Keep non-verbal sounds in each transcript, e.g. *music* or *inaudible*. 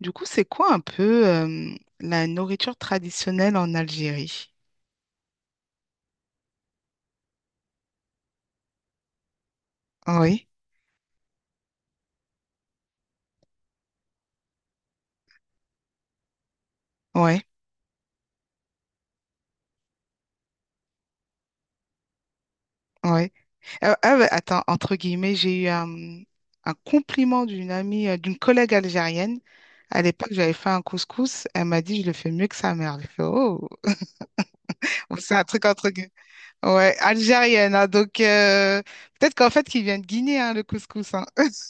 Du coup, c'est quoi un peu la nourriture traditionnelle en Algérie? Oui, oui, oui. Ah, bah, attends, entre guillemets, j'ai eu un compliment d'une amie, d'une collègue algérienne. À l'époque, j'avais fait un couscous. Elle m'a dit, je le fais mieux que sa mère. J'ai fait, oh. Bon, c'est un truc entre guillemets. Ouais, algérienne, hein, donc, peut-être qu'en fait, qu'il vient de Guinée, hein, le couscous, hein. *laughs*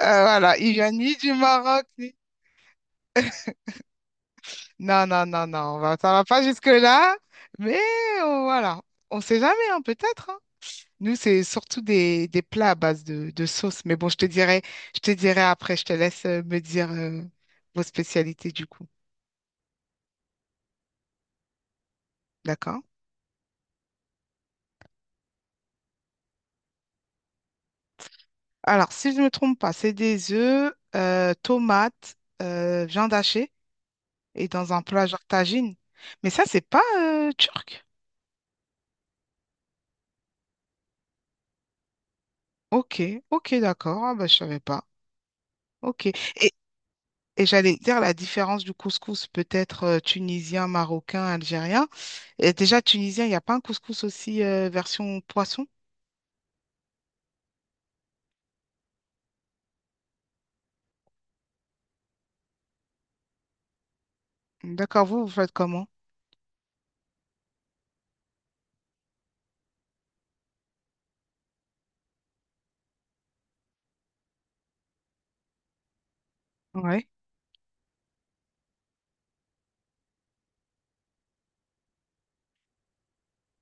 Voilà, il vient ni du Maroc, ni... Non, non, non, non, ça va pas jusque-là, mais voilà, on sait jamais, hein, peut-être, hein. Nous, c'est surtout des plats à base de sauce, mais bon, je te dirai après, je te laisse me dire vos spécialités du coup, d'accord? Alors, si je ne me trompe pas, c'est des œufs, tomates, viande hachée et dans un plat genre tagine. Mais ça, c'est pas turc. Ok, ok, d'accord, ah, bah, je savais pas. Ok. Et j'allais dire la différence du couscous, peut-être tunisien, marocain, algérien. Et déjà, tunisien, il n'y a pas un couscous aussi version poisson? D'accord, vous, vous faites comment? Oui,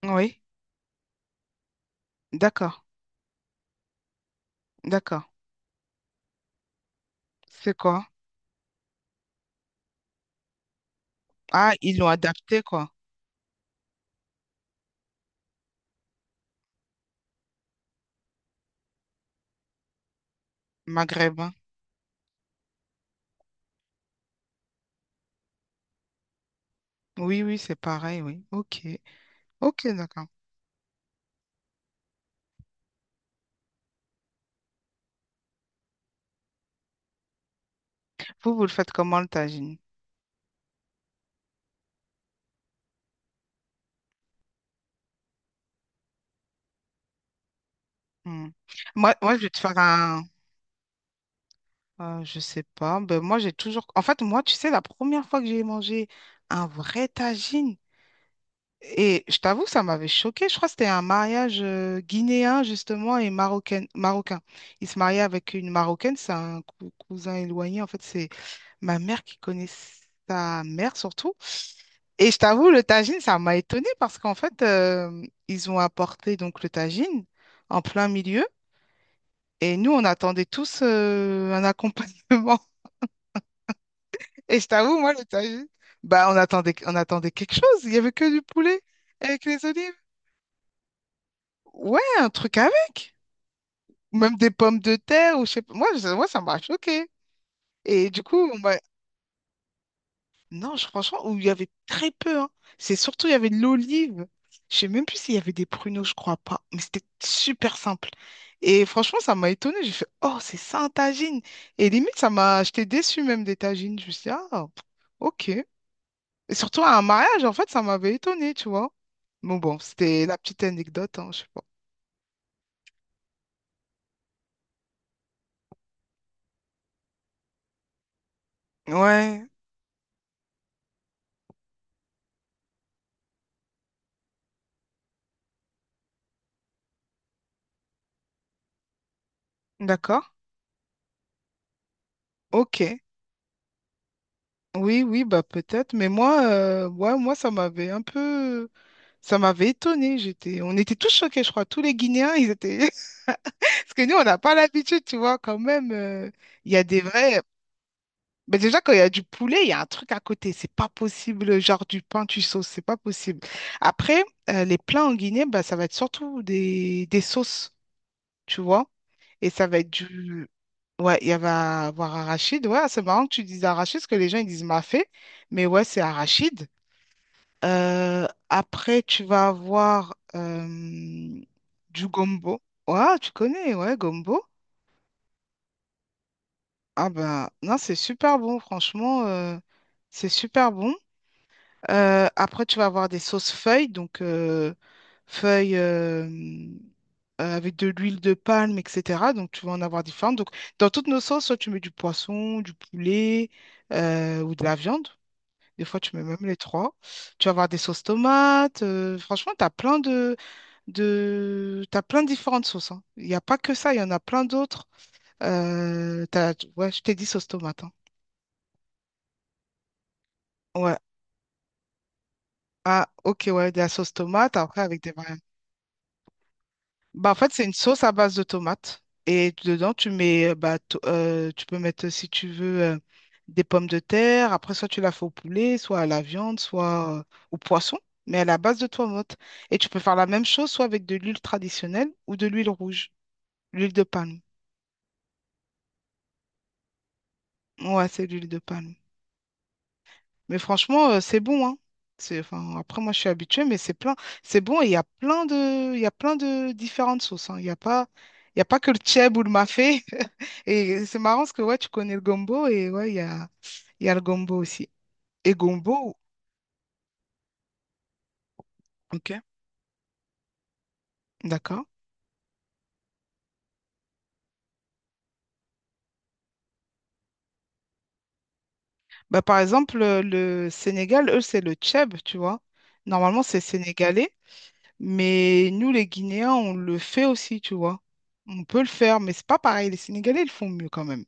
oui, d'accord, d'accord. C'est quoi? Ah, ils l'ont adapté, quoi. Maghrébin. Oui, oui, c'est pareil, oui. Ok, ok, d'accord. Vous, vous le faites comment, le tagine? Hmm. Moi, moi, je vais te faire un... Je sais pas. Ben, moi, j'ai toujours... En fait, moi, tu sais, la première fois que j'ai mangé un vrai tagine, et je t'avoue, ça m'avait choqué. Je crois que c'était un mariage guinéen, justement, et marocain, marocain. Il se mariait avec une Marocaine, c'est un cousin éloigné. En fait, c'est ma mère qui connaît sa mère, surtout. Et je t'avoue, le tagine, ça m'a étonnée parce qu'en fait, ils ont apporté donc le tagine en plein milieu. Et nous, on attendait tous un accompagnement. *laughs* Et je t'avoue, moi, le tagine, bah, on attendait quelque chose. Il n'y avait que du poulet avec les olives. Ouais, un truc avec. Ou même des pommes de terre, ou je sais pas. Moi, ça m'a choqué. Et du coup, non, franchement, où il y avait très peu, hein. C'est surtout, il y avait de l'olive. Je sais même plus s'il y avait des pruneaux, je crois pas. Mais c'était super simple. Et franchement, ça m'a étonnée. J'ai fait, oh, c'est ça un tagine. Et limite, ça m'a. J'étais déçue même des tagines. Je me suis dit, ah, pff, ok. Et surtout à un mariage, en fait, ça m'avait étonnée, tu vois. Bon, bon, c'était la petite anecdote, hein, je sais pas. Ouais, d'accord. Ok. Oui, oui, bah peut-être, mais moi, ouais, moi, ça m'avait étonné. On était tous choqués, je crois, tous les Guinéens, ils étaient, *laughs* parce que nous, on n'a pas l'habitude, tu vois, quand même. Il y a des vrais, mais déjà quand il y a du poulet, il y a un truc à côté, c'est pas possible, genre du pain, tu sauces, c'est pas possible. Après, les plats en Guinée, bah ça va être surtout des sauces, tu vois, et ça va être du, ouais, il y va avoir arachide. Ouais, c'est marrant que tu dises arachide, parce que les gens ils disent mafé, mais ouais, c'est arachide. Après, tu vas avoir du gombo. Ouais, tu connais, ouais, gombo. Ah ben, non, c'est super bon, franchement, c'est super bon. Après, tu vas avoir des sauces feuilles, donc feuilles avec de l'huile de palme, etc. Donc, tu vas en avoir différentes. Donc, dans toutes nos sauces, soit tu mets du poisson, du poulet ou de la viande. Des fois, tu mets même les trois. Tu vas avoir des sauces tomates. Franchement, tu as plein de... T'as plein de différentes sauces, hein. Il n'y a pas que ça, il y en a plein d'autres. Ouais, je t'ai dit sauce tomate, hein. Ouais. Ah, ok, ouais, de la sauce tomate, après avec des variantes. Bah, en fait, c'est une sauce à base de tomates. Et dedans, bah, tu peux mettre, si tu veux, des pommes de terre. Après, soit tu la fais au poulet, soit à la viande, soit au poisson, mais à la base de tomates. Et tu peux faire la même chose, soit avec de l'huile traditionnelle ou de l'huile rouge, l'huile de palme. Ouais, c'est l'huile de palme. Mais franchement, c'est bon, hein. C'est, enfin, après, moi, je suis habituée, mais c'est plein. C'est bon et il y a plein de différentes sauces, hein. Il y a pas que le tchèb ou le mafé. *laughs* Et c'est marrant parce que ouais, tu connais le gombo et ouais, il y a le gombo aussi. Et gombo, ok, d'accord. Bah, par exemple, le Sénégal, eux, c'est le tchèb, tu vois. Normalement, c'est sénégalais, mais nous, les Guinéens, on le fait aussi, tu vois. On peut le faire, mais c'est pas pareil. Les Sénégalais, ils le font mieux quand même.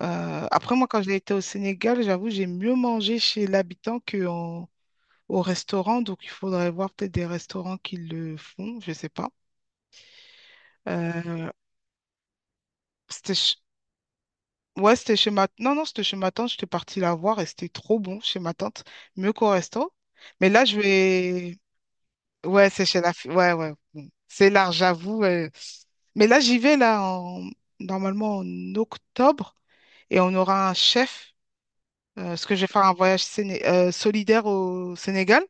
Après, moi, quand j'ai été au Sénégal, j'avoue, j'ai mieux mangé chez l'habitant qu'au restaurant. Donc, il faudrait voir peut-être des restaurants qui le font, je sais pas. Euh, c'était ch- Ouais, c'était chez ma... Non, non, c'était chez ma tante. J'étais partie la voir et c'était trop bon chez ma tante. Mieux qu'au resto. Mais là, je vais... Ouais, c'est chez la... fi- ouais, ouais. Bon. C'est large, j'avoue. Mais là, j'y vais, là, normalement en octobre. Et on aura un chef, parce que je vais faire un voyage solidaire au Sénégal.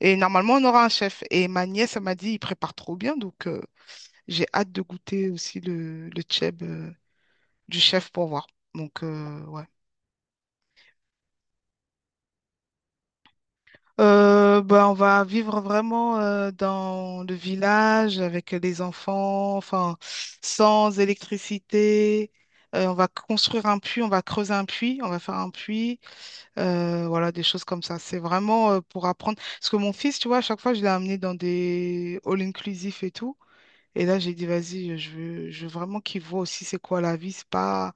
Et normalement, on aura un chef. Et ma nièce, elle m'a dit, il prépare trop bien. Donc, j'ai hâte de goûter aussi le tchèb, du chef pour voir. Donc, ouais. Ben, on va vivre vraiment dans le village avec les enfants, enfin, sans électricité. On va construire un puits, on va creuser un puits, on va faire un puits. Voilà, des choses comme ça. C'est vraiment pour apprendre. Parce que mon fils, tu vois, à chaque fois, je l'ai amené dans des all-inclusifs et tout. Et là, j'ai dit, vas-y, je veux, vraiment qu'il voit aussi c'est quoi la vie. C'est pas,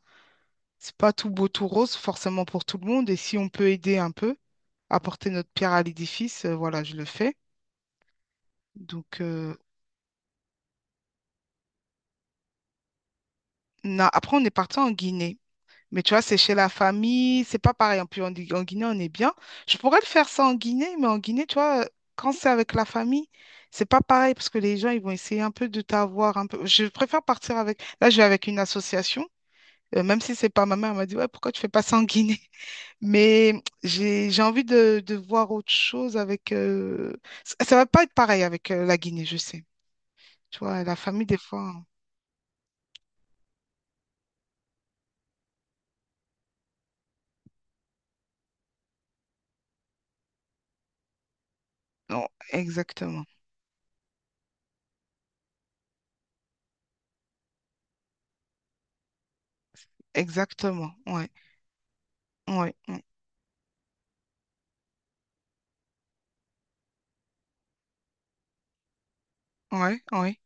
c'est pas tout beau, tout rose, forcément pour tout le monde. Et si on peut aider un peu, apporter notre pierre à l'édifice, voilà, je le fais. Donc, après, on est parti en Guinée. Mais tu vois, c'est chez la famille, c'est pas pareil. En plus, en Guinée, on est bien. Je pourrais le faire ça en Guinée, mais en Guinée, tu vois, quand c'est avec la famille, c'est pas pareil parce que les gens, ils vont essayer un peu de t'avoir un peu. Je préfère partir avec. Là, je vais avec une association, même si c'est pas ma mère, elle m'a dit, ouais, pourquoi tu fais pas ça en Guinée? *laughs* Mais j'ai envie de voir autre chose avec. Ça, ça va pas être pareil avec la Guinée, je sais. Tu vois, la famille, des fois, hein. Non, exactement, exactement. Ouais, ouais, ouais, ouais, ouais.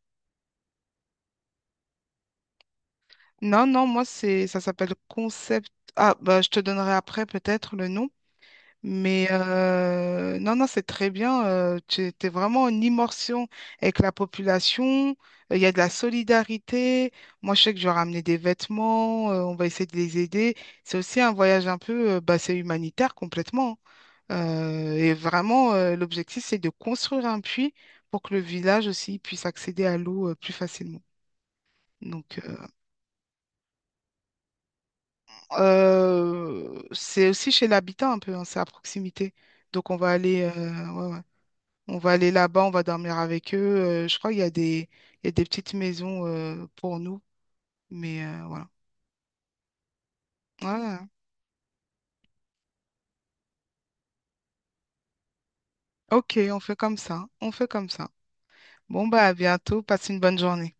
Non, non, moi, ça s'appelle Concept. Ah, bah, je te donnerai après peut-être le nom. Mais non, non, c'est très bien. Tu es vraiment en immersion avec la population. Il y a de la solidarité. Moi, je sais que je vais ramener des vêtements. On va essayer de les aider. C'est aussi un voyage bah, c'est humanitaire complètement, hein. Et vraiment, l'objectif, c'est de construire un puits pour que le village aussi puisse accéder à l'eau plus facilement. Donc, c'est aussi chez l'habitant un peu, hein, c'est à proximité. Donc on va aller, ouais, ouais. On va aller là-bas, on va dormir avec eux. Je crois qu'il y a des petites maisons pour nous, mais voilà. Voilà. Ok, on fait comme ça. On fait comme ça. Bon, bah à bientôt. Passe une bonne journée.